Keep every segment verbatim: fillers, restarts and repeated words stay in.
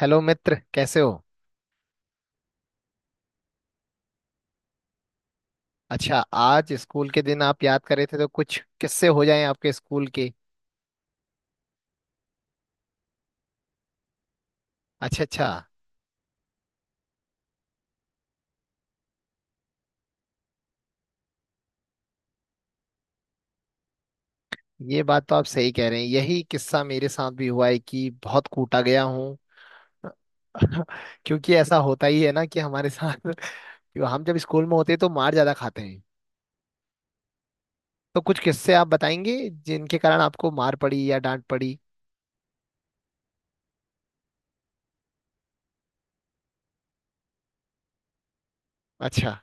Hello मित्र, कैसे हो। अच्छा, आज स्कूल के दिन आप याद कर रहे थे, तो कुछ किस्से हो जाएं आपके स्कूल के। अच्छा, अच्छा। ये बात तो आप सही कह रहे हैं, यही किस्सा मेरे साथ भी हुआ है कि बहुत कूटा गया हूँ। क्योंकि ऐसा होता ही है ना कि हमारे साथ। हम जब स्कूल में होते हैं तो मार ज्यादा खाते हैं। तो कुछ किस्से आप बताएंगे जिनके कारण आपको मार पड़ी या डांट पड़ी। अच्छा।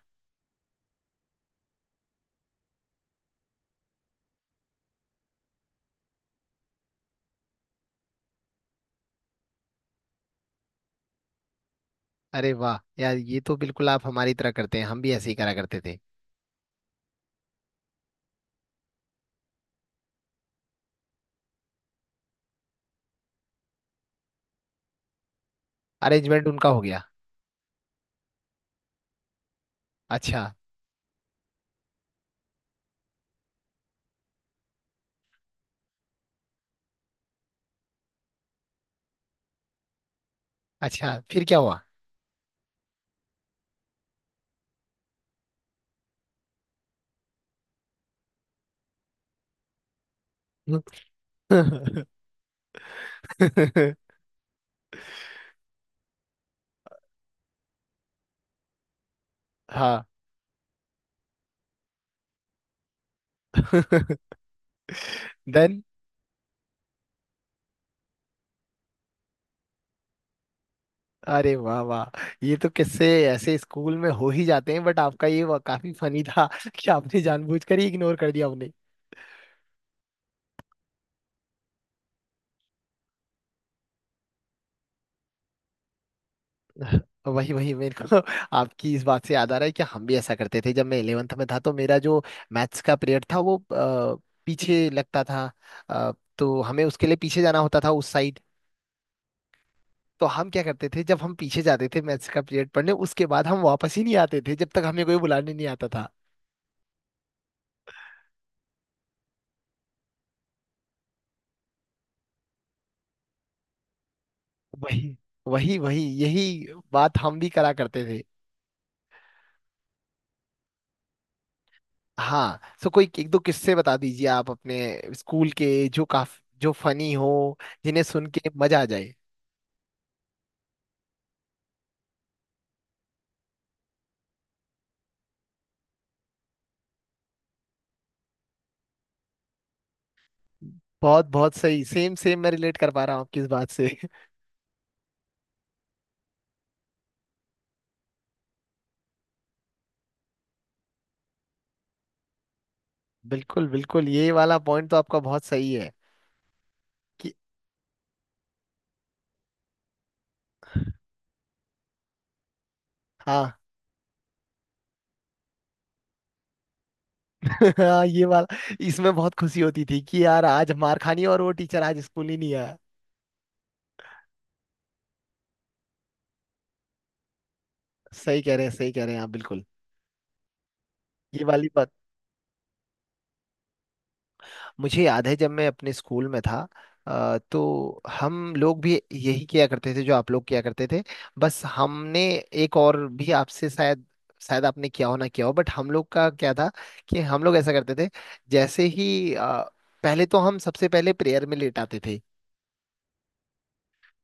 अरे वाह यार, ये तो बिल्कुल आप हमारी तरह करते हैं, हम भी ऐसे ही करा करते थे। अरेंजमेंट उनका हो गया। अच्छा। अच्छा, फिर क्या हुआ। हाँ देन। अरे वाह वाह, ये तो किससे ऐसे स्कूल में हो ही जाते हैं, बट आपका ये वा- काफी फनी था कि आपने जानबूझकर ही इग्नोर कर दिया उन्हें। वही वही, मेरे को आपकी इस बात से याद आ रहा है कि हम भी ऐसा करते थे। जब मैं ग्यारहवीं में था तो मेरा जो मैथ्स का पीरियड था वो अ, पीछे लगता था। अ, तो हमें उसके लिए पीछे जाना होता था उस साइड। तो हम क्या करते थे, जब हम पीछे जाते थे मैथ्स का पीरियड पढ़ने, उसके बाद हम वापस ही नहीं आते थे जब तक हमें कोई बुलाने नहीं आता। वही वही वही, यही बात हम भी करा करते थे। हाँ, सो कोई एक दो किस्से बता दीजिए आप अपने स्कूल के, जो काफ जो फनी हो, जिन्हें सुन के मजा आ जाए। बहुत बहुत सही, सेम सेम, मैं रिलेट कर पा रहा हूँ आपकी इस बात से। बिल्कुल बिल्कुल, ये वाला पॉइंट तो आपका बहुत सही है। कि हाँ। हाँ, ये वाला, इसमें बहुत खुशी होती थी कि यार आज मार खानी, और वो टीचर आज स्कूल ही नहीं आया। सही कह रहे हैं, सही कह रहे हैं आप बिल्कुल। ये वाली बात मुझे याद है जब मैं अपने स्कूल में था। अ, तो हम लोग भी यही किया करते थे जो आप लोग किया करते थे। बस हमने एक और भी आपसे शायद, शायद आपने किया हो ना किया हो, बट हम लोग का क्या था कि हम लोग ऐसा करते थे। जैसे ही अ, पहले तो हम सबसे पहले प्रेयर में लेट आते थे।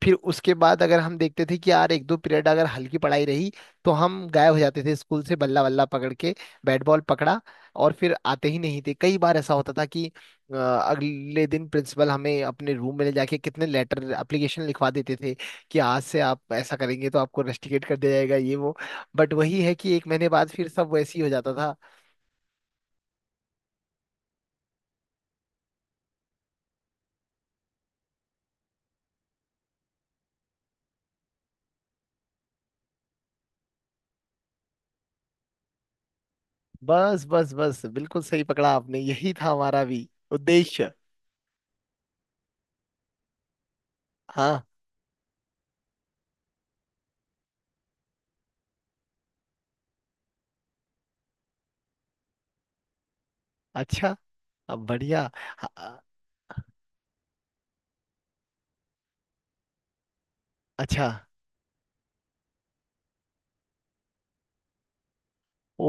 फिर उसके बाद अगर हम देखते थे कि यार एक दो पीरियड अगर हल्की पढ़ाई रही, तो हम गायब हो जाते थे स्कूल से, बल्ला बल्ला पकड़ के, बैट बॉल पकड़ा, और फिर आते ही नहीं थे। कई बार ऐसा होता था कि अ, अगले दिन प्रिंसिपल हमें अपने रूम में ले जाके कितने लेटर एप्लीकेशन लिखवा देते थे कि आज से आप ऐसा करेंगे तो आपको रस्टिकेट कर दिया जाएगा ये वो। बट वही है कि एक महीने बाद फिर सब वैसे ही हो जाता था। बस बस बस, बिल्कुल सही पकड़ा आपने, यही था हमारा भी उद्देश्य। हाँ। अच्छा, अब बढ़िया। हाँ। अच्छा।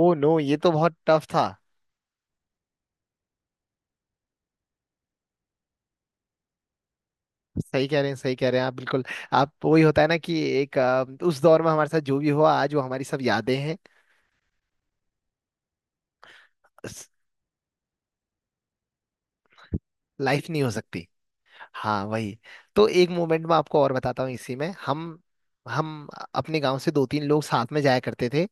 ओ नो, ये तो बहुत टफ था। सही कह रहे हैं, सही कह रहे हैं आप बिल्कुल। आप, वही होता है ना कि एक अ, उस दौर में हमारे साथ जो भी हुआ आज वो हमारी सब यादें हैं। लाइफ नहीं हो सकती। हाँ वही। तो एक मोमेंट में आपको और बताता हूँ, इसी में हम हम अपने गांव से दो तीन लोग साथ में जाया करते थे।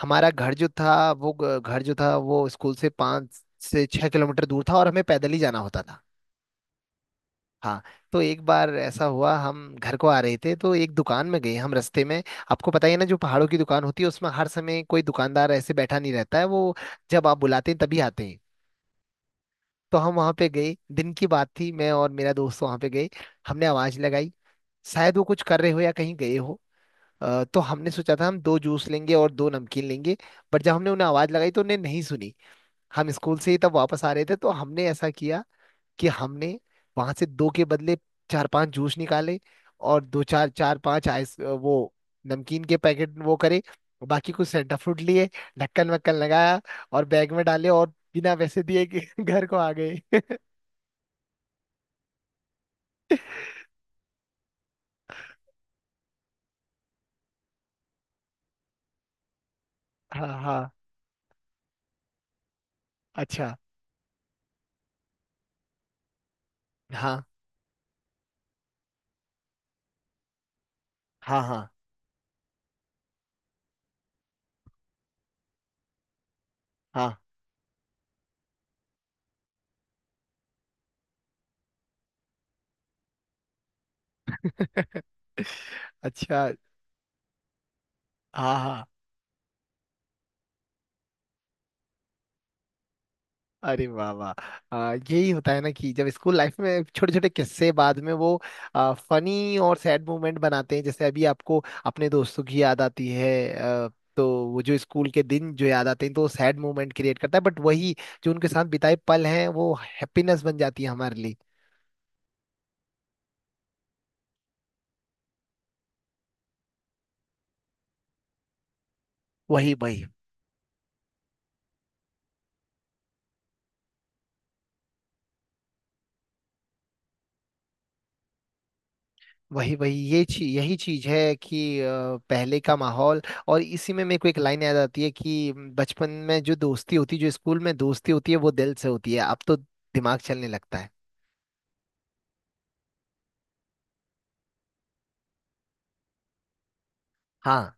हमारा घर जो था वो ग- घर जो था वो स्कूल से पाँच से छह किलोमीटर दूर था और हमें पैदल ही जाना होता था। हाँ। तो एक बार ऐसा हुआ, हम घर को आ रहे थे तो एक दुकान में गए हम रास्ते में। आपको पता ही है ना, जो पहाड़ों की दुकान होती है, उसमें हर समय कोई दुकानदार ऐसे बैठा नहीं रहता है। वो जब आप बुलाते हैं तभी आते हैं। तो हम वहाँ पे गए, दिन की बात थी, मैं और मेरा दोस्त वहाँ पे गए। हमने आवाज़ लगाई। शायद वो कुछ कर रहे हो या कहीं गए हो। अ, तो हमने सोचा था हम दो जूस लेंगे और दो नमकीन लेंगे। बट जब हमने उन्हें आवाज़ लगाई तो उन्हें नहीं सुनी। हम स्कूल से ही तब वापस आ रहे थे तो हमने ऐसा किया कि हमने वहां से दो के बदले चार पांच जूस निकाले, और दो चार चार पांच आइस वो नमकीन के पैकेट वो करे, बाकी कुछ सेंटा फ्रूट लिए, ढक्कन वक्कन लगाया और बैग में डाले, और बिना पैसे दिए कि घर को आ गए। हाँ हाँ। अच्छा। हाँ हाँ हाँ हाँ। अच्छा। हाँ हाँ। अरे वाह वाह। आ, यही होता है ना कि जब स्कूल लाइफ में छोटे छोटे किस्से बाद में वो आ, फनी और सैड मोमेंट बनाते हैं। जैसे अभी आपको अपने दोस्तों की याद आती है। आ, तो वो जो स्कूल के दिन जो याद आते हैं, तो सैड मोमेंट क्रिएट करता है। बट वही, जो उनके साथ बिताए पल हैं, वो हैप्पीनेस बन जाती है हमारे लिए। वही वही वही वही, ये चीज, यही चीज है कि अ, पहले का माहौल। और इसी में मेरे को एक लाइन याद आती है कि बचपन में जो दोस्ती होती, जो स्कूल में दोस्ती होती है वो दिल से होती है, अब तो दिमाग चलने लगता है। हाँ।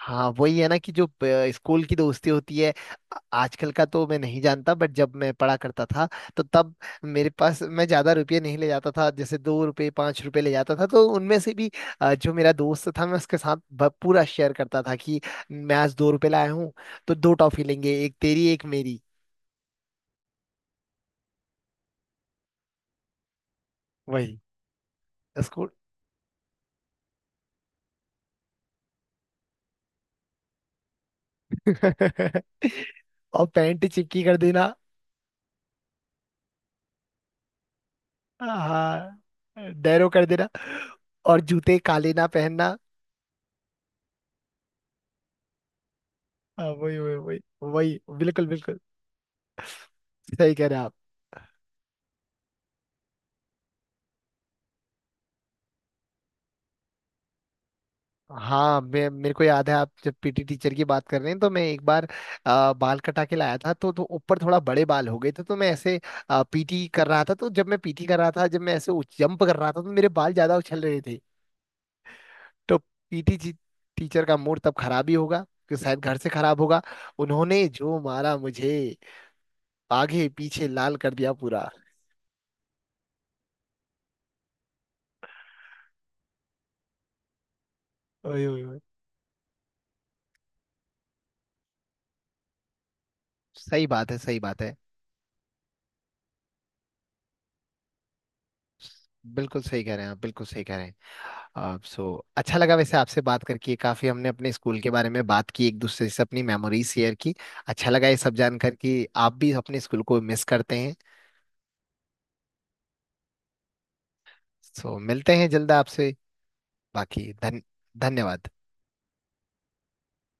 हाँ वही है ना कि जो प- स्कूल की दोस्ती होती है। आ- आजकल का तो मैं नहीं जानता, बट जब मैं पढ़ा करता था, तो तब मेरे पास, मैं ज्यादा रुपये नहीं ले जाता था, जैसे दो रुपये पांच रुपये ले जाता था, तो उनमें से भी आ, जो मेरा दोस्त था मैं उसके साथ ब- पूरा शेयर करता था कि मैं आज दो रुपये लाया हूँ, तो दो टॉफी लेंगे, एक तेरी एक मेरी। वही स्कूल। और पैंट चिपकी कर देना। हाँ। डैरो कर देना। और जूते काले ना पहनना। हाँ वही वही वही वही, बिल्कुल बिल्कुल। सही कह रहे हैं आप। हाँ, मैं, मेरे को याद है, आप जब पीटी टीचर की बात कर रहे हैं, तो मैं एक बार आ, बाल कटा के लाया था, तो तो ऊपर थोड़ा बड़े बाल हो गए थे, तो मैं ऐसे पीटी कर रहा था। तो जब मैं पीटी कर रहा था, जब मैं ऐसे जंप कर रहा था, तो मेरे बाल ज्यादा उछल रहे थे। तो पीटी टीचर का मूड तब खराब ही होगा, कि शायद घर से खराब होगा, उन्होंने जो मारा मुझे, आगे पीछे लाल कर दिया पूरा। ओए ओए ओए। सही बात है, सही बात है। बिल्कुल सही कह रहे हैं आप, बिल्कुल सही कह रहे हैं आप। सो, अच्छा लगा वैसे आपसे बात करके, काफी हमने अपने स्कूल के बारे में बात की, एक दूसरे से अपनी मेमोरीज शेयर की। अच्छा लगा ये सब जानकर कि आप भी अपने स्कूल को मिस करते हैं। सो मिलते हैं जल्द आपसे। बाकी धन धन्यवाद।